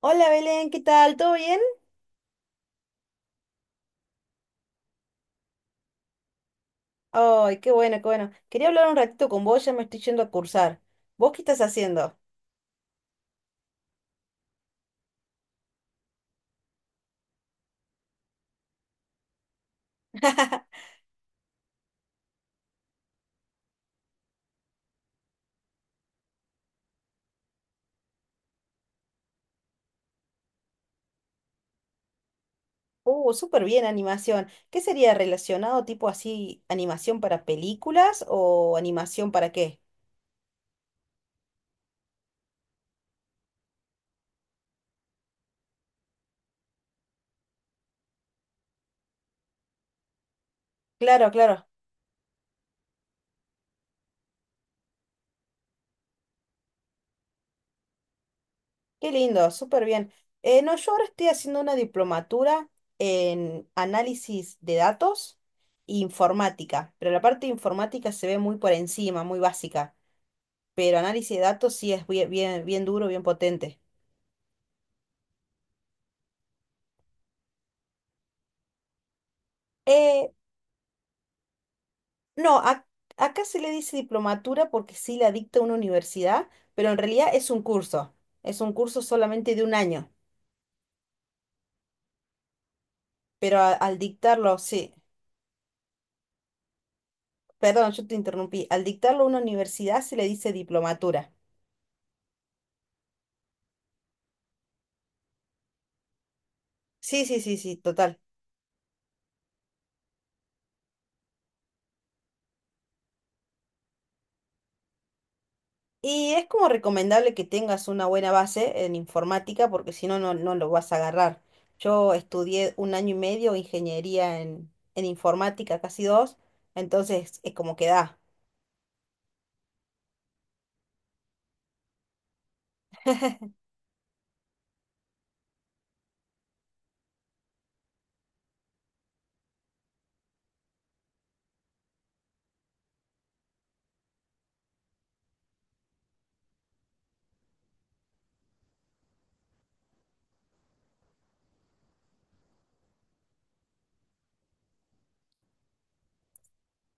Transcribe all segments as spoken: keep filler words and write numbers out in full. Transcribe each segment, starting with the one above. Hola Belén, ¿qué tal? ¿Todo bien? Ay, qué bueno, qué bueno. Quería hablar un ratito con vos, ya me estoy yendo a cursar. ¿Vos qué estás haciendo? Uh, súper bien, animación. ¿Qué sería relacionado tipo así, animación para películas o animación para qué? Claro, claro. Qué lindo, súper bien. Eh, no, yo ahora estoy haciendo una diplomatura en análisis de datos e informática, pero la parte de informática se ve muy por encima, muy básica, pero análisis de datos sí es bien, bien, bien duro, bien potente. Eh, no, ac- acá se le dice diplomatura porque sí la dicta una universidad, pero en realidad es un curso. Es un curso solamente de un año. Pero a- al dictarlo, sí. Perdón, yo te interrumpí. Al dictarlo una universidad se le dice diplomatura. Sí, sí, sí, sí, total. Y es como recomendable que tengas una buena base en informática porque si no, no, no lo vas a agarrar. Yo estudié un año y medio ingeniería en, en informática, casi dos, entonces es como que da.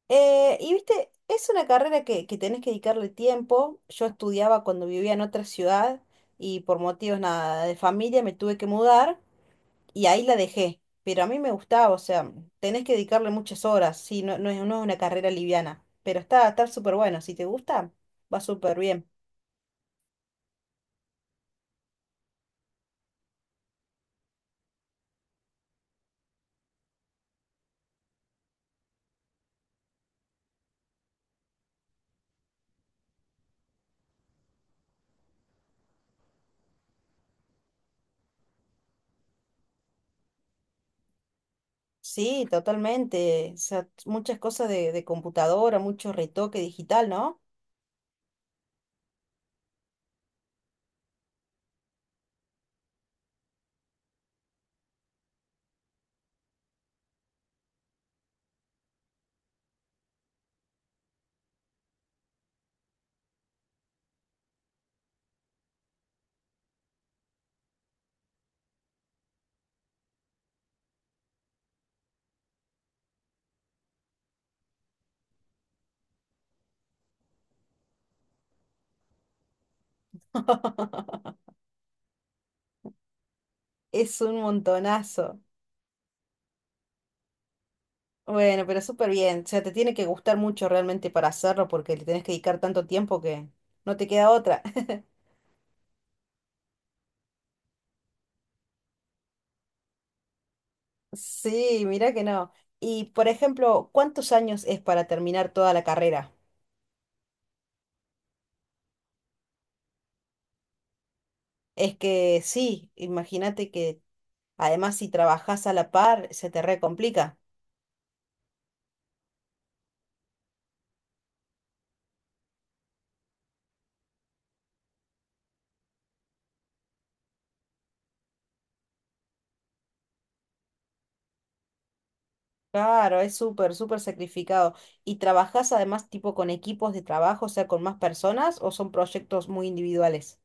Eh, y viste, es una carrera que, que tenés que dedicarle tiempo. Yo estudiaba cuando vivía en otra ciudad y por motivos nada de familia me tuve que mudar y ahí la dejé. Pero a mí me gustaba, o sea, tenés que dedicarle muchas horas, sí, no, no es, no es una carrera liviana, pero está, está súper bueno. Si te gusta, va súper bien. Sí, totalmente. O sea, muchas cosas de, de computadora, mucho retoque digital, ¿no? Es un montonazo. Bueno, pero súper bien. O sea, te tiene que gustar mucho realmente para hacerlo porque le tenés que dedicar tanto tiempo que no te queda otra. Sí, mira que no. Y por ejemplo, ¿cuántos años es para terminar toda la carrera? Es que sí, imagínate que además si trabajás a la par se te re complica. Claro, es súper, súper sacrificado. ¿Y trabajás además tipo con equipos de trabajo, o sea, con más personas o son proyectos muy individuales?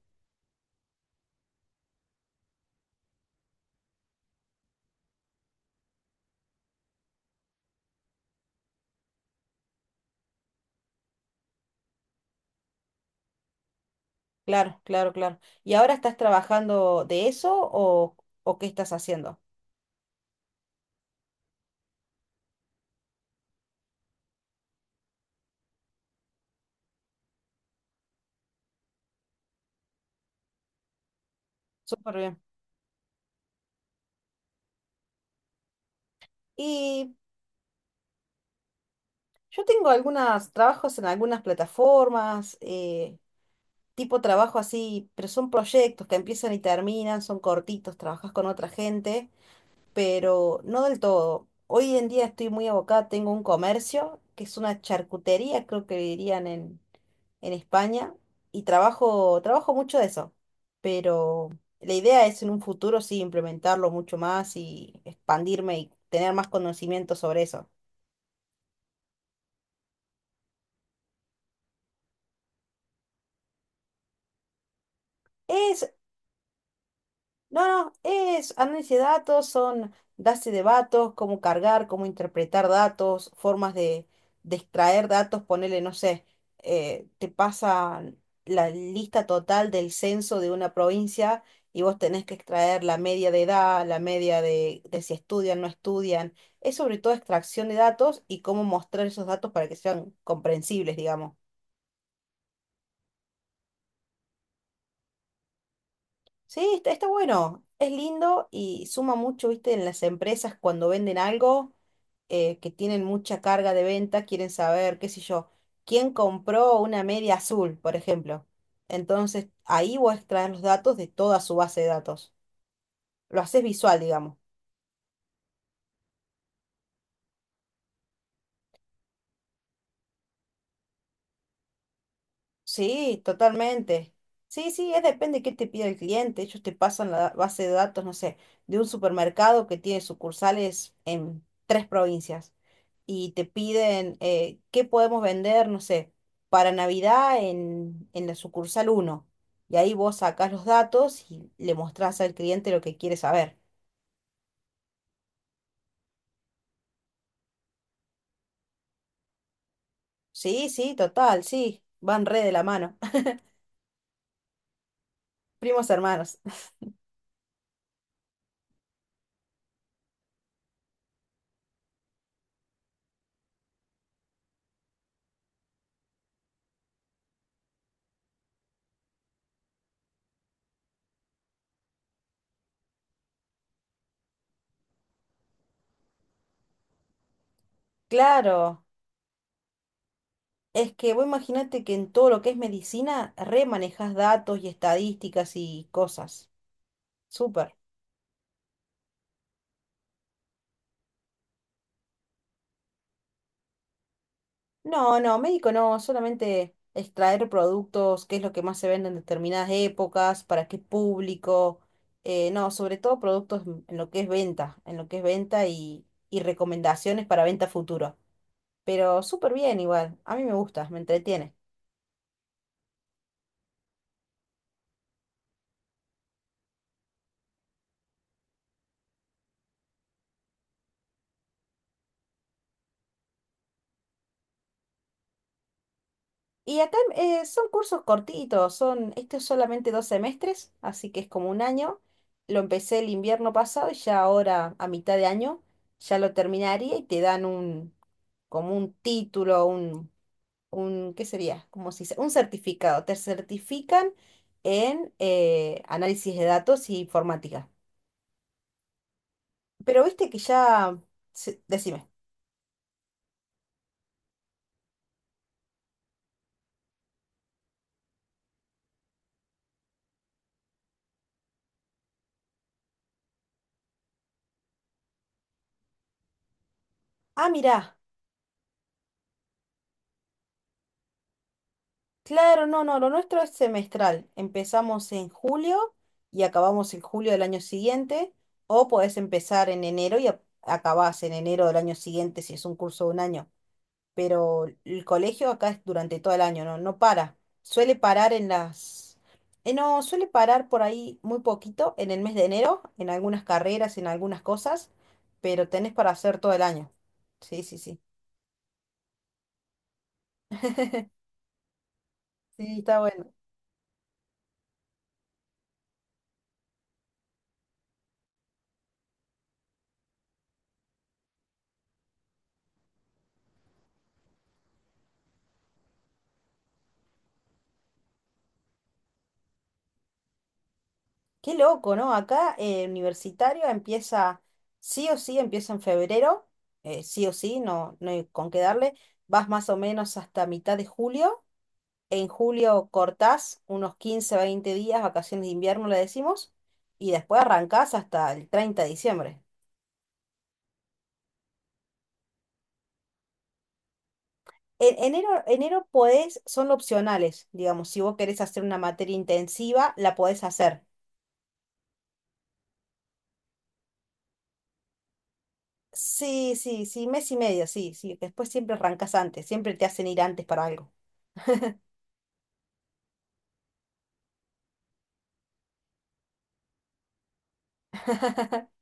Claro, claro, claro. ¿Y ahora estás trabajando de eso o, o qué estás haciendo? Súper bien. Y yo tengo algunos trabajos en algunas plataformas, eh, tipo trabajo así, pero son proyectos que empiezan y terminan, son cortitos, trabajas con otra gente, pero no del todo. Hoy en día estoy muy abocada, tengo un comercio, que es una charcutería, creo que dirían en en España y trabajo, trabajo mucho de eso. Pero la idea es en un futuro sí implementarlo mucho más y expandirme y tener más conocimiento sobre eso. Es, No, no, es análisis de datos, son bases de datos, cómo cargar, cómo interpretar datos, formas de, de extraer datos, ponerle, no sé, eh, te pasa la lista total del censo de una provincia y vos tenés que extraer la media de edad, la media de, de si estudian, no estudian. Es sobre todo extracción de datos y cómo mostrar esos datos para que sean comprensibles, digamos. Sí, está, está bueno, es lindo y suma mucho, viste, en las empresas cuando venden algo eh, que tienen mucha carga de venta quieren saber, qué sé yo, quién compró una media azul, por ejemplo. Entonces, ahí vos extraes los datos de toda su base de datos. Lo haces visual, digamos. Sí, totalmente. Sí, sí, es depende de qué te pida el cliente. Ellos te pasan la base de datos, no sé, de un supermercado que tiene sucursales en tres provincias y te piden eh, qué podemos vender, no sé, para Navidad en, en la sucursal uno. Y ahí vos sacás los datos y le mostrás al cliente lo que quiere saber. Sí, sí, total, sí, van re de la mano. Primos hermanos. Claro. Es que vos imagínate que en todo lo que es medicina, re manejas datos y estadísticas y cosas. Súper. No, no, médico no, solamente extraer productos, qué es lo que más se vende en determinadas épocas, para qué público. Eh, no, sobre todo productos en en lo que es venta, en lo que es venta y, y recomendaciones para venta futuro. Pero súper bien igual, a mí me gusta, me entretiene. Y acá eh, son cursos cortitos, son, este es solamente dos semestres, así que es como un año. Lo empecé el invierno pasado y ya ahora, a mitad de año, ya lo terminaría y te dan un, como un título, un, un, ¿qué sería? Como si, se- un certificado. Te certifican en eh, análisis de datos y informática. Pero viste que ya, se- decime, ah, mirá. Claro, no, no, lo nuestro es semestral. Empezamos en julio y acabamos en julio del año siguiente, o podés empezar en enero y a- acabás en enero del año siguiente si es un curso de un año. Pero el colegio acá es durante todo el año, no, no para. Suele parar en las... eh, No, suele parar por ahí muy poquito en el mes de enero, en algunas carreras, en algunas cosas, pero tenés para hacer todo el año. Sí, sí, sí. Sí. Está bueno. Qué loco, ¿no? Acá eh, universitario empieza, sí o sí, empieza en febrero, eh, sí o sí, no, no hay con qué darle. Vas más o menos hasta mitad de julio. En julio cortás unos quince veinte días, vacaciones de invierno le decimos, y después arrancás hasta el treinta de diciembre. En enero, enero podés, son opcionales, digamos, si vos querés hacer una materia intensiva, la podés hacer. Sí, sí, sí, mes y medio, sí, sí. Después siempre arrancás antes, siempre te hacen ir antes para algo.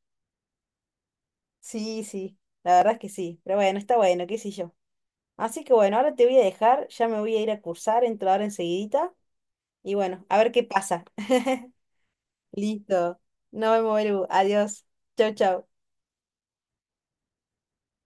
Sí, sí, la verdad es que sí, pero bueno, está bueno, qué sé yo. Así que bueno, ahora te voy a dejar, ya me voy a ir a cursar, entro ahora enseguidita y bueno, a ver qué pasa. Listo, nos vemos, Belu, adiós, chau, chau.